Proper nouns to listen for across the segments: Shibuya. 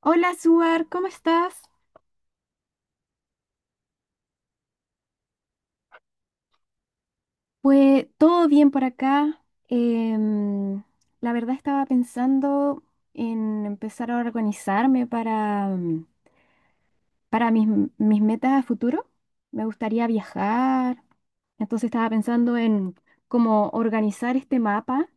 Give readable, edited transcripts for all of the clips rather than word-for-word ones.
Hola, Suar, ¿cómo estás? Pues todo bien por acá. La verdad estaba pensando en empezar a organizarme para para mis mis metas a futuro. Me gustaría viajar. Entonces estaba pensando en cómo organizar este mapa,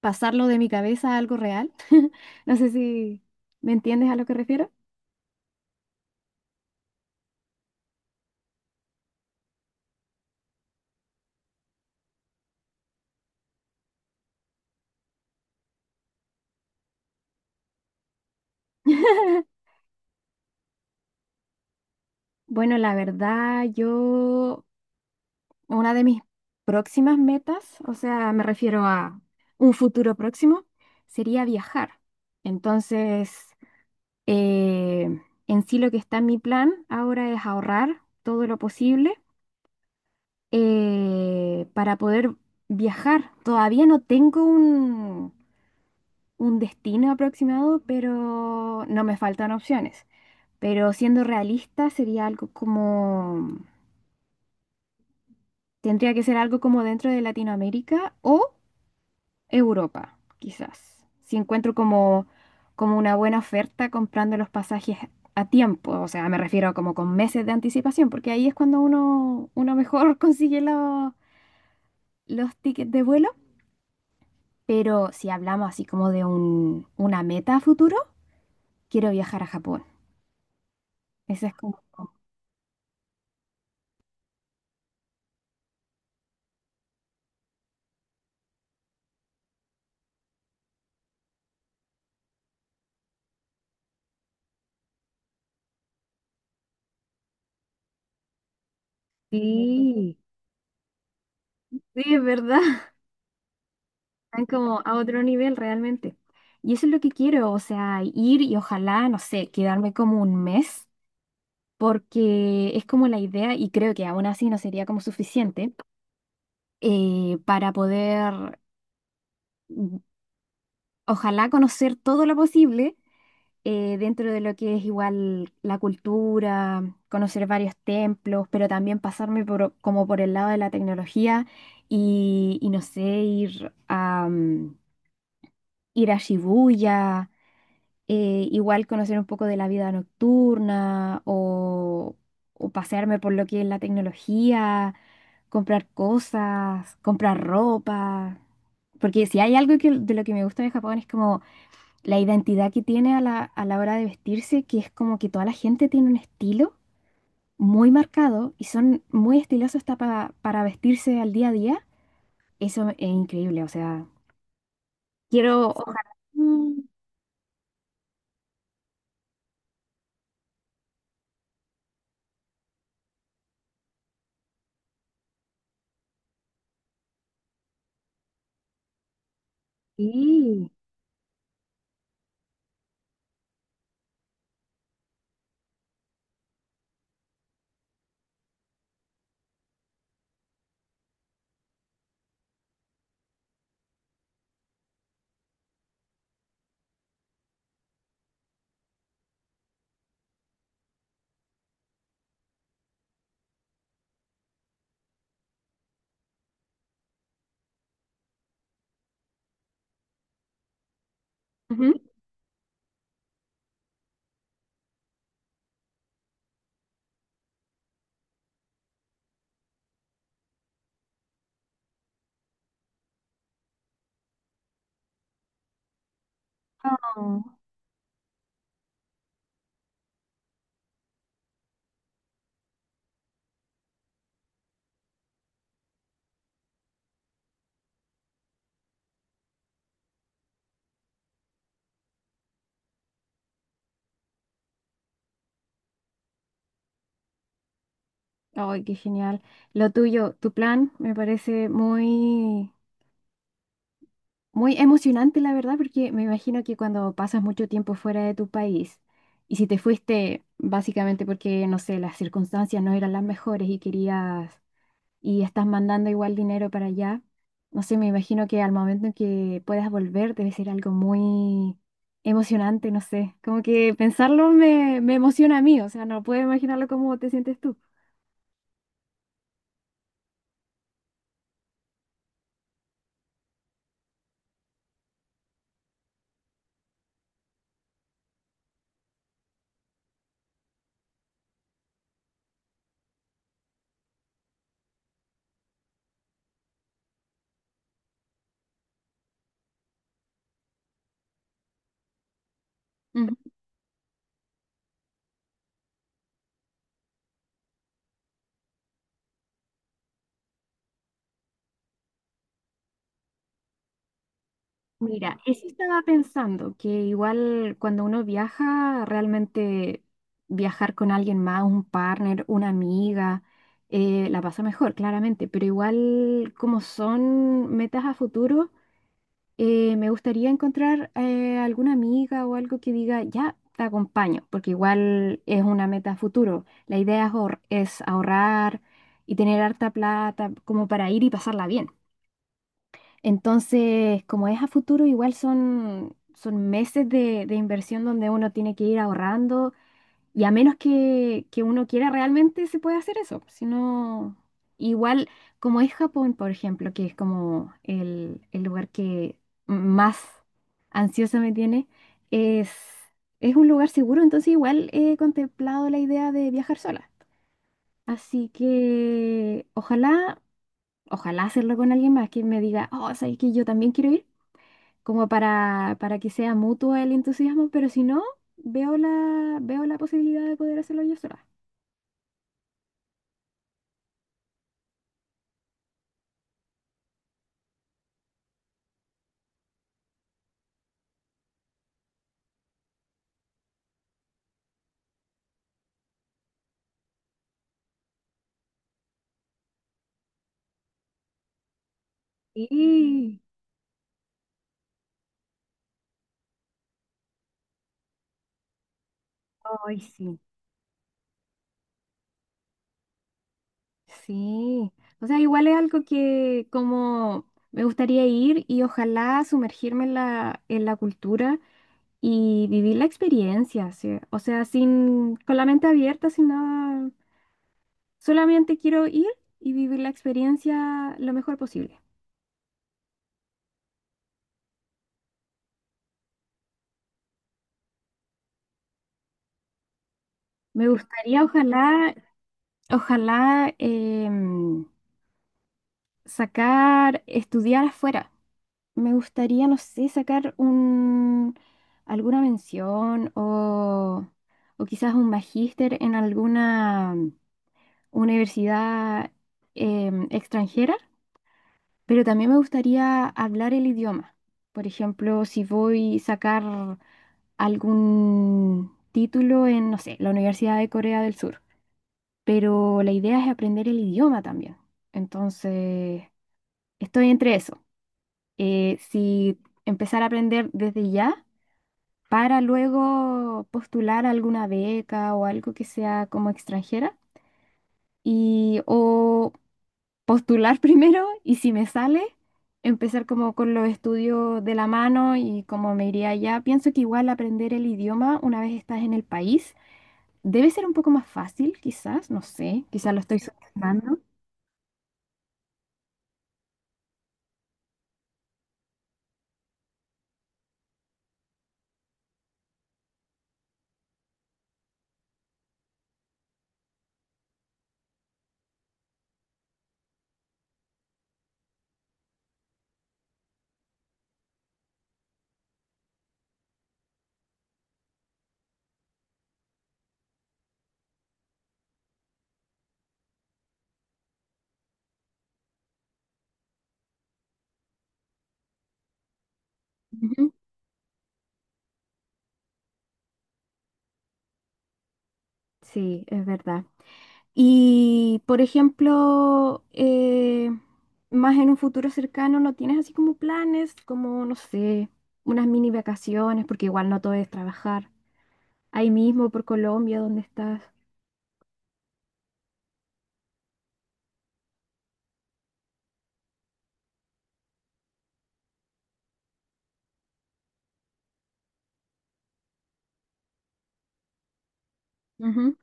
pasarlo de mi cabeza a algo real. No sé si me entiendes a lo que refiero. Bueno, la verdad, yo una de mis próximas metas, o sea, me refiero a un futuro próximo, sería viajar. Entonces, eh, en sí lo que está en mi plan ahora es ahorrar todo lo posible, para poder viajar. Todavía no tengo un destino aproximado, pero no me faltan opciones. Pero siendo realista, sería algo como, tendría que ser algo como dentro de Latinoamérica o Europa, quizás. Si encuentro como una buena oferta comprando los pasajes a tiempo, o sea, me refiero como con meses de anticipación, porque ahí es cuando uno mejor consigue los tickets de vuelo. Pero si hablamos así como de una meta a futuro, quiero viajar a Japón. Esa es como... Sí, sí, es verdad. Están como a otro nivel realmente. Y eso es lo que quiero, o sea, ir y ojalá, no sé, quedarme como un mes, porque es como la idea, y creo que aún así no sería como suficiente, para poder, mm, ojalá, conocer todo lo posible, dentro de lo que es igual la cultura, conocer varios templos, pero también pasarme por, como por el lado de la tecnología y no sé, ir a Shibuya. Igual conocer un poco de la vida nocturna o pasearme por lo que es la tecnología, comprar cosas, comprar ropa. Porque si hay algo que, de lo que me gusta de Japón, es como la identidad que tiene a a la hora de vestirse, que es como que toda la gente tiene un estilo muy marcado y son muy estilosos hasta para vestirse al día a día. Eso es increíble, o sea, quiero... ojalá- Mm. Sí. Ujú. Ay, qué genial. Lo tuyo, tu plan, me parece muy, muy emocionante, la verdad, porque me imagino que cuando pasas mucho tiempo fuera de tu país, y si te fuiste básicamente porque, no sé, las circunstancias no eran las mejores y querías, y estás mandando igual dinero para allá, no sé, me imagino que al momento en que puedas volver debe ser algo muy emocionante, no sé. Como que pensarlo me emociona a mí, o sea, no puedo imaginarlo cómo te sientes tú. Mira, eso estaba pensando, que igual cuando uno viaja, realmente viajar con alguien más, un partner, una amiga, la pasa mejor, claramente, pero igual como son metas a futuro, me gustaría encontrar alguna amiga o algo que diga, ya, te acompaño, porque igual es una meta a futuro. La idea es es ahorrar y tener harta plata como para ir y pasarla bien. Entonces, como es a futuro, igual son, son meses de inversión donde uno tiene que ir ahorrando y a menos que uno quiera realmente, se puede hacer eso. Si no, igual como es Japón, por ejemplo, que es como el lugar que más ansiosa me tiene, es, es un lugar seguro, entonces igual he contemplado la idea de viajar sola. Así que ojalá, ojalá hacerlo con alguien más que me diga, oh, ¿sabes que yo también quiero ir? Como para que sea mutuo el entusiasmo, pero si no, veo la posibilidad de poder hacerlo yo sola. Y, ay, sí. Sí, o sea, igual es algo que como me gustaría ir y ojalá sumergirme en en la cultura y vivir la experiencia, sí. O sea, sin, con la mente abierta, sin nada, solamente quiero ir y vivir la experiencia lo mejor posible. Me gustaría, ojalá, ojalá, sacar, estudiar afuera. Me gustaría, no sé, sacar alguna mención o quizás un magíster en alguna universidad extranjera, pero también me gustaría hablar el idioma. Por ejemplo, si voy a sacar algún título en, no sé, la Universidad de Corea del Sur, pero la idea es aprender el idioma también. Entonces, estoy entre eso. Si empezar a aprender desde ya para luego postular a alguna beca o algo que sea como extranjera, y o postular primero, y si me sale empezar como con los estudios de la mano y como me iría allá. Pienso que igual aprender el idioma una vez estás en el país debe ser un poco más fácil, quizás, no sé, quizás lo estoy subestimando. Ujú. Sí, es verdad. Y, por ejemplo, más en un futuro cercano, ¿no tienes así como planes, como, no sé, unas mini vacaciones, porque igual no todo es trabajar, ahí mismo por Colombia, donde estás? Ujú.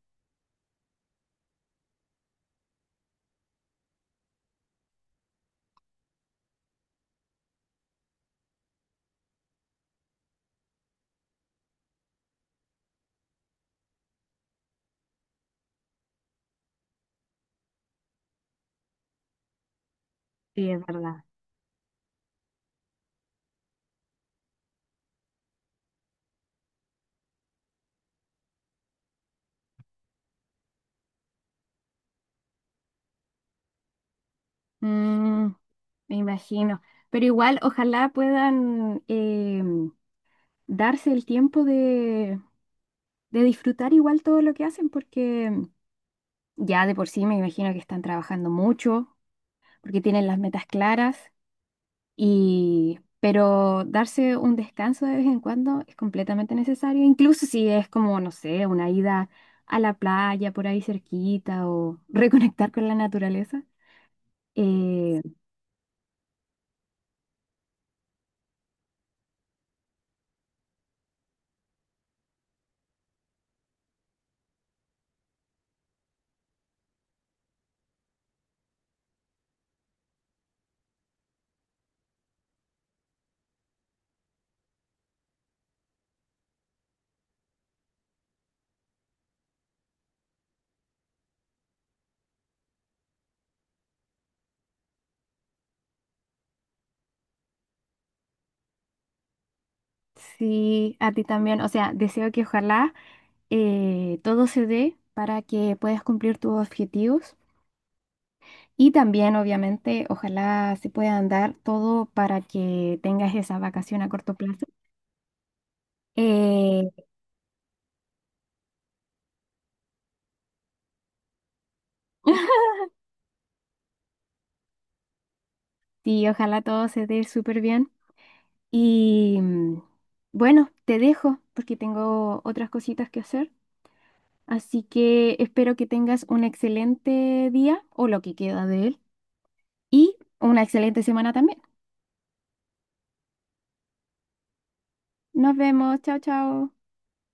Sí, es verdad. Mm, me imagino. Pero igual, ojalá puedan darse el tiempo de disfrutar igual todo lo que hacen, porque ya de por sí me imagino que están trabajando mucho, porque tienen las metas claras. Y, pero darse un descanso de vez en cuando es completamente necesario, incluso si es como, no sé, una ida a la playa por ahí cerquita o reconectar con la naturaleza. Eh, sí, a ti también, o sea, deseo que ojalá, todo se dé para que puedas cumplir tus objetivos y también, obviamente, ojalá se pueda dar todo para que tengas esa vacación a corto plazo. Eh, sí, ojalá todo se dé súper bien. Y bueno, te dejo porque tengo otras cositas que hacer. Así que espero que tengas un excelente día o lo que queda de él y una excelente semana también. Nos vemos. Chao, chao.